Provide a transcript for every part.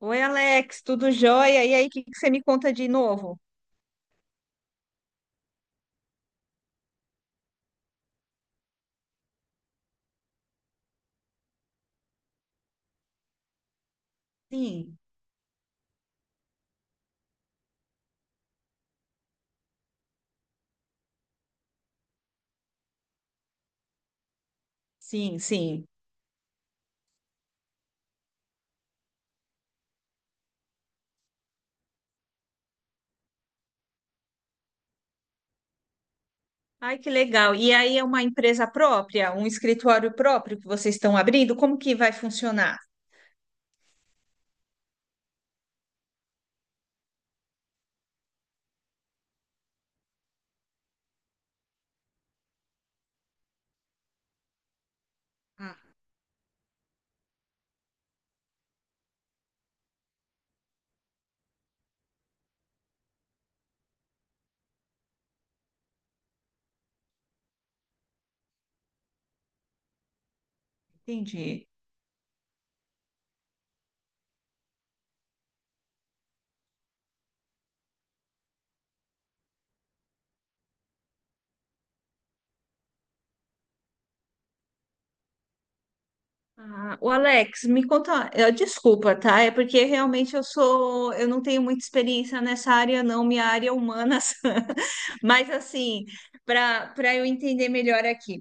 Oi, Alex, tudo jóia? E aí, o que que você me conta de novo? Sim, sim, sim. Ai, que legal. E aí é uma empresa própria, um escritório próprio que vocês estão abrindo? Como que vai funcionar? Ah, entendi. Ah, o Alex, me conta, desculpa, tá? É porque realmente eu não tenho muita experiência nessa área, não, minha área é humanas. Mas assim, para eu entender melhor aqui,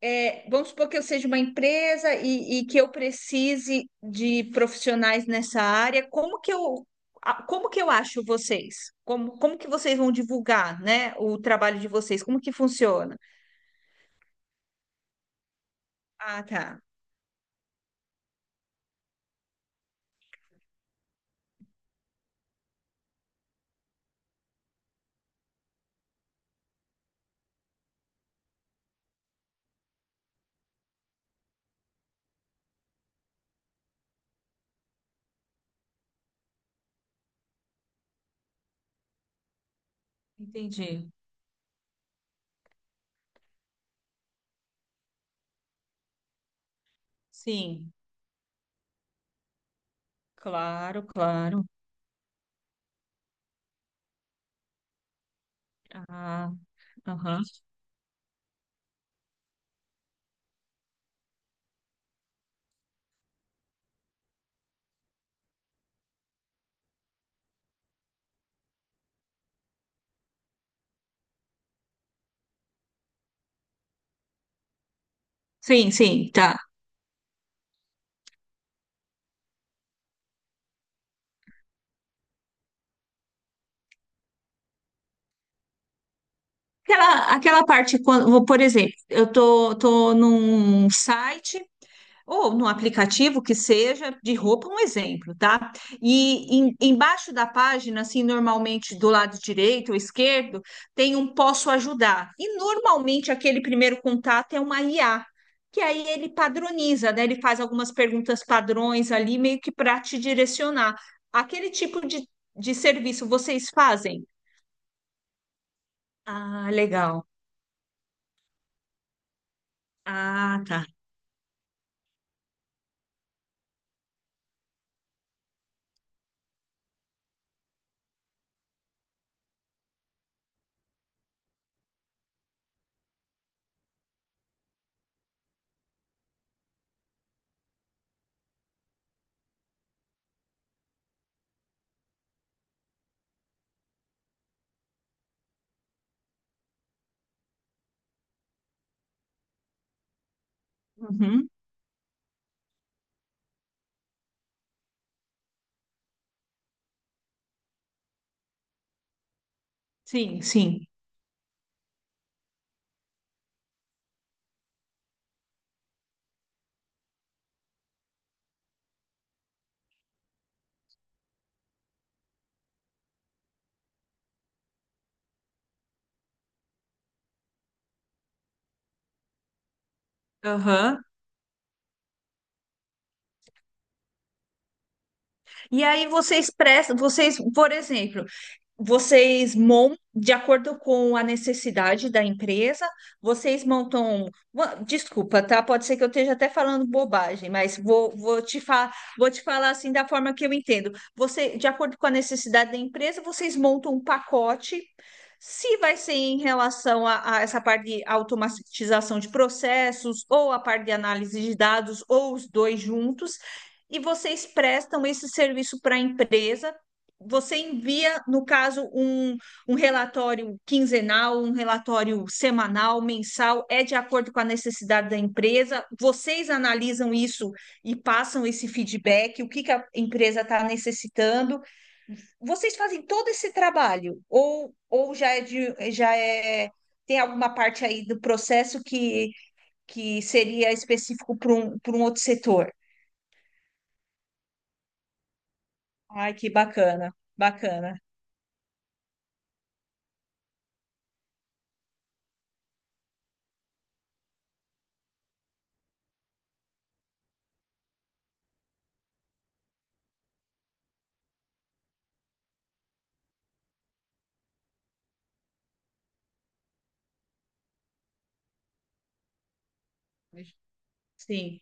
é, vamos supor que eu seja uma empresa e que eu precise de profissionais nessa área, como que eu acho vocês? Como, como que vocês vão divulgar, né, o trabalho de vocês? Como que funciona? Ah, tá. Sim, claro, claro. Ah, sim, sim, tá. Aquela parte, quando, por exemplo, tô num site ou no aplicativo que seja, de roupa, um exemplo, tá? Embaixo da página, assim, normalmente do lado direito ou esquerdo, tem um posso ajudar. E normalmente aquele primeiro contato é uma IA, que aí ele padroniza, né? Ele faz algumas perguntas padrões ali, meio que para te direcionar. Aquele tipo de, de serviço vocês fazem? Ah, legal. Ah, tá. Uhum. Sim, sim. Aham. E aí vocês prestam, vocês, por exemplo, Vocês montam de acordo com a necessidade da empresa, vocês montam. Desculpa, tá? Pode ser que eu esteja até falando bobagem, mas vou te vou te falar assim da forma que eu entendo. Você, de acordo com a necessidade da empresa, vocês montam um pacote. Se vai ser em relação a essa parte de automatização de processos, ou a parte de análise de dados, ou os dois juntos, e vocês prestam esse serviço para a empresa. Você envia, no caso, um relatório quinzenal, um relatório semanal, mensal, é de acordo com a necessidade da empresa. Vocês analisam isso e passam esse feedback, o que que a empresa está necessitando. Vocês fazem todo esse trabalho, ou já é de, já é, tem alguma parte aí do processo que seria específico para para um outro setor? Ai, que bacana, bacana. Sim,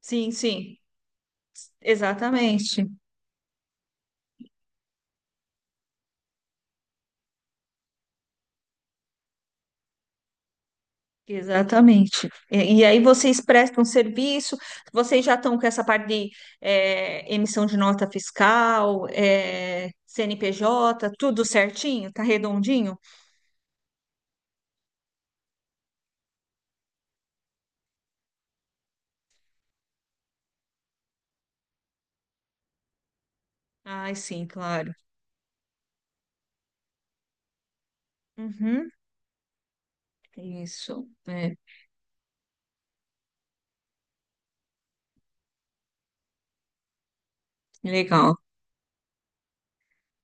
sim, sim. Exatamente, exatamente. E aí vocês prestam serviço, vocês já estão com essa parte de emissão de nota fiscal, CNPJ, tudo certinho? Tá redondinho? Ai, sim, claro. Uhum, isso, é, legal.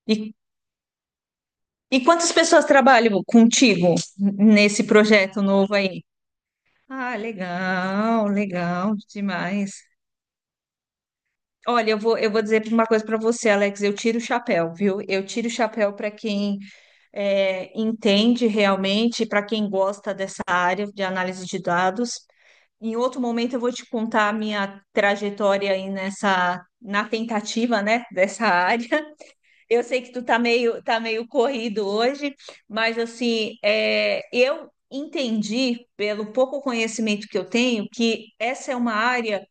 E, e quantas pessoas trabalham contigo nesse projeto novo aí? Ah, legal, legal demais. Olha, eu vou dizer uma coisa para você, Alex. Eu tiro o chapéu, viu? Eu tiro o chapéu para quem entende realmente, para quem gosta dessa área de análise de dados. Em outro momento eu vou te contar a minha trajetória aí nessa, na tentativa, né, dessa área. Eu sei que tá meio corrido hoje, mas assim, é, eu entendi, pelo pouco conhecimento que eu tenho, que essa é uma área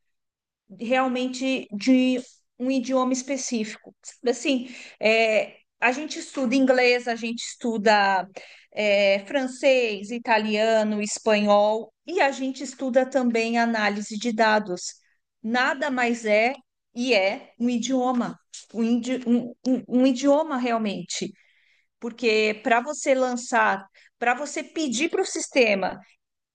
realmente de um idioma específico. Sabe? Assim, é, a gente estuda inglês, a gente estuda francês, italiano, espanhol e a gente estuda também análise de dados. Nada mais é e é um idioma, um idioma realmente, porque para você lançar, para você pedir para o sistema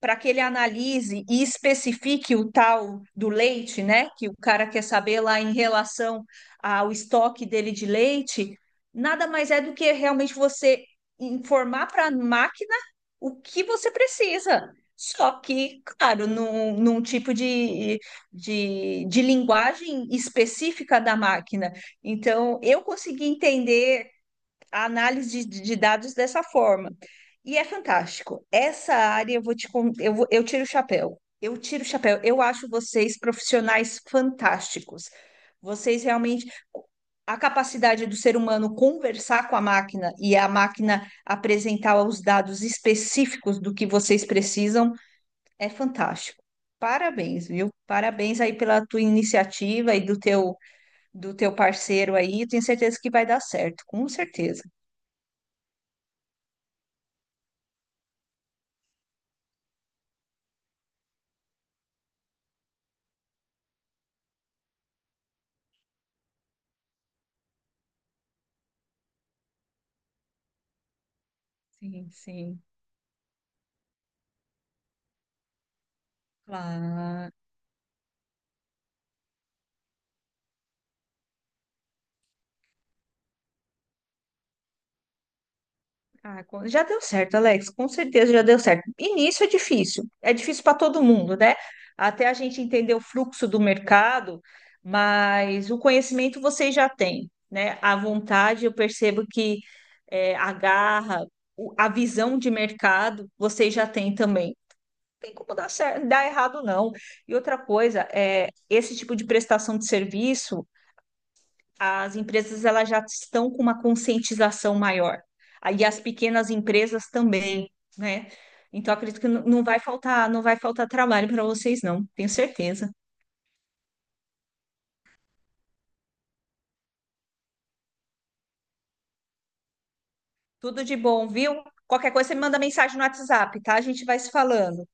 para que ele analise e especifique o tal do leite, né? Que o cara quer saber lá em relação ao estoque dele de leite, nada mais é do que realmente você informar para a máquina o que você precisa. Só que, claro, num tipo de linguagem específica da máquina. Então, eu consegui entender a análise de dados dessa forma. E é fantástico. Essa área eu vou te eu tiro o chapéu. Eu tiro o chapéu. Eu acho vocês profissionais fantásticos. Vocês realmente a capacidade do ser humano conversar com a máquina e a máquina apresentar os dados específicos do que vocês precisam é fantástico. Parabéns, viu? Parabéns aí pela tua iniciativa e do teu parceiro aí. Tenho certeza que vai dar certo, com certeza. Sim, sim, claro. Já deu certo, Alex, com certeza já deu certo. Início é difícil para todo mundo, né? Até a gente entender o fluxo do mercado, mas o conhecimento vocês já têm, né? A vontade, eu percebo que a garra, a visão de mercado, vocês já têm também. Não tem como dar certo, dar errado, não. E outra coisa, é, esse tipo de prestação de serviço, as empresas, elas já estão com uma conscientização maior. Aí as pequenas empresas também, né? Então acredito que não vai faltar, não vai faltar trabalho para vocês, não, tenho certeza. Tudo de bom, viu? Qualquer coisa você me manda mensagem no WhatsApp, tá? A gente vai se falando.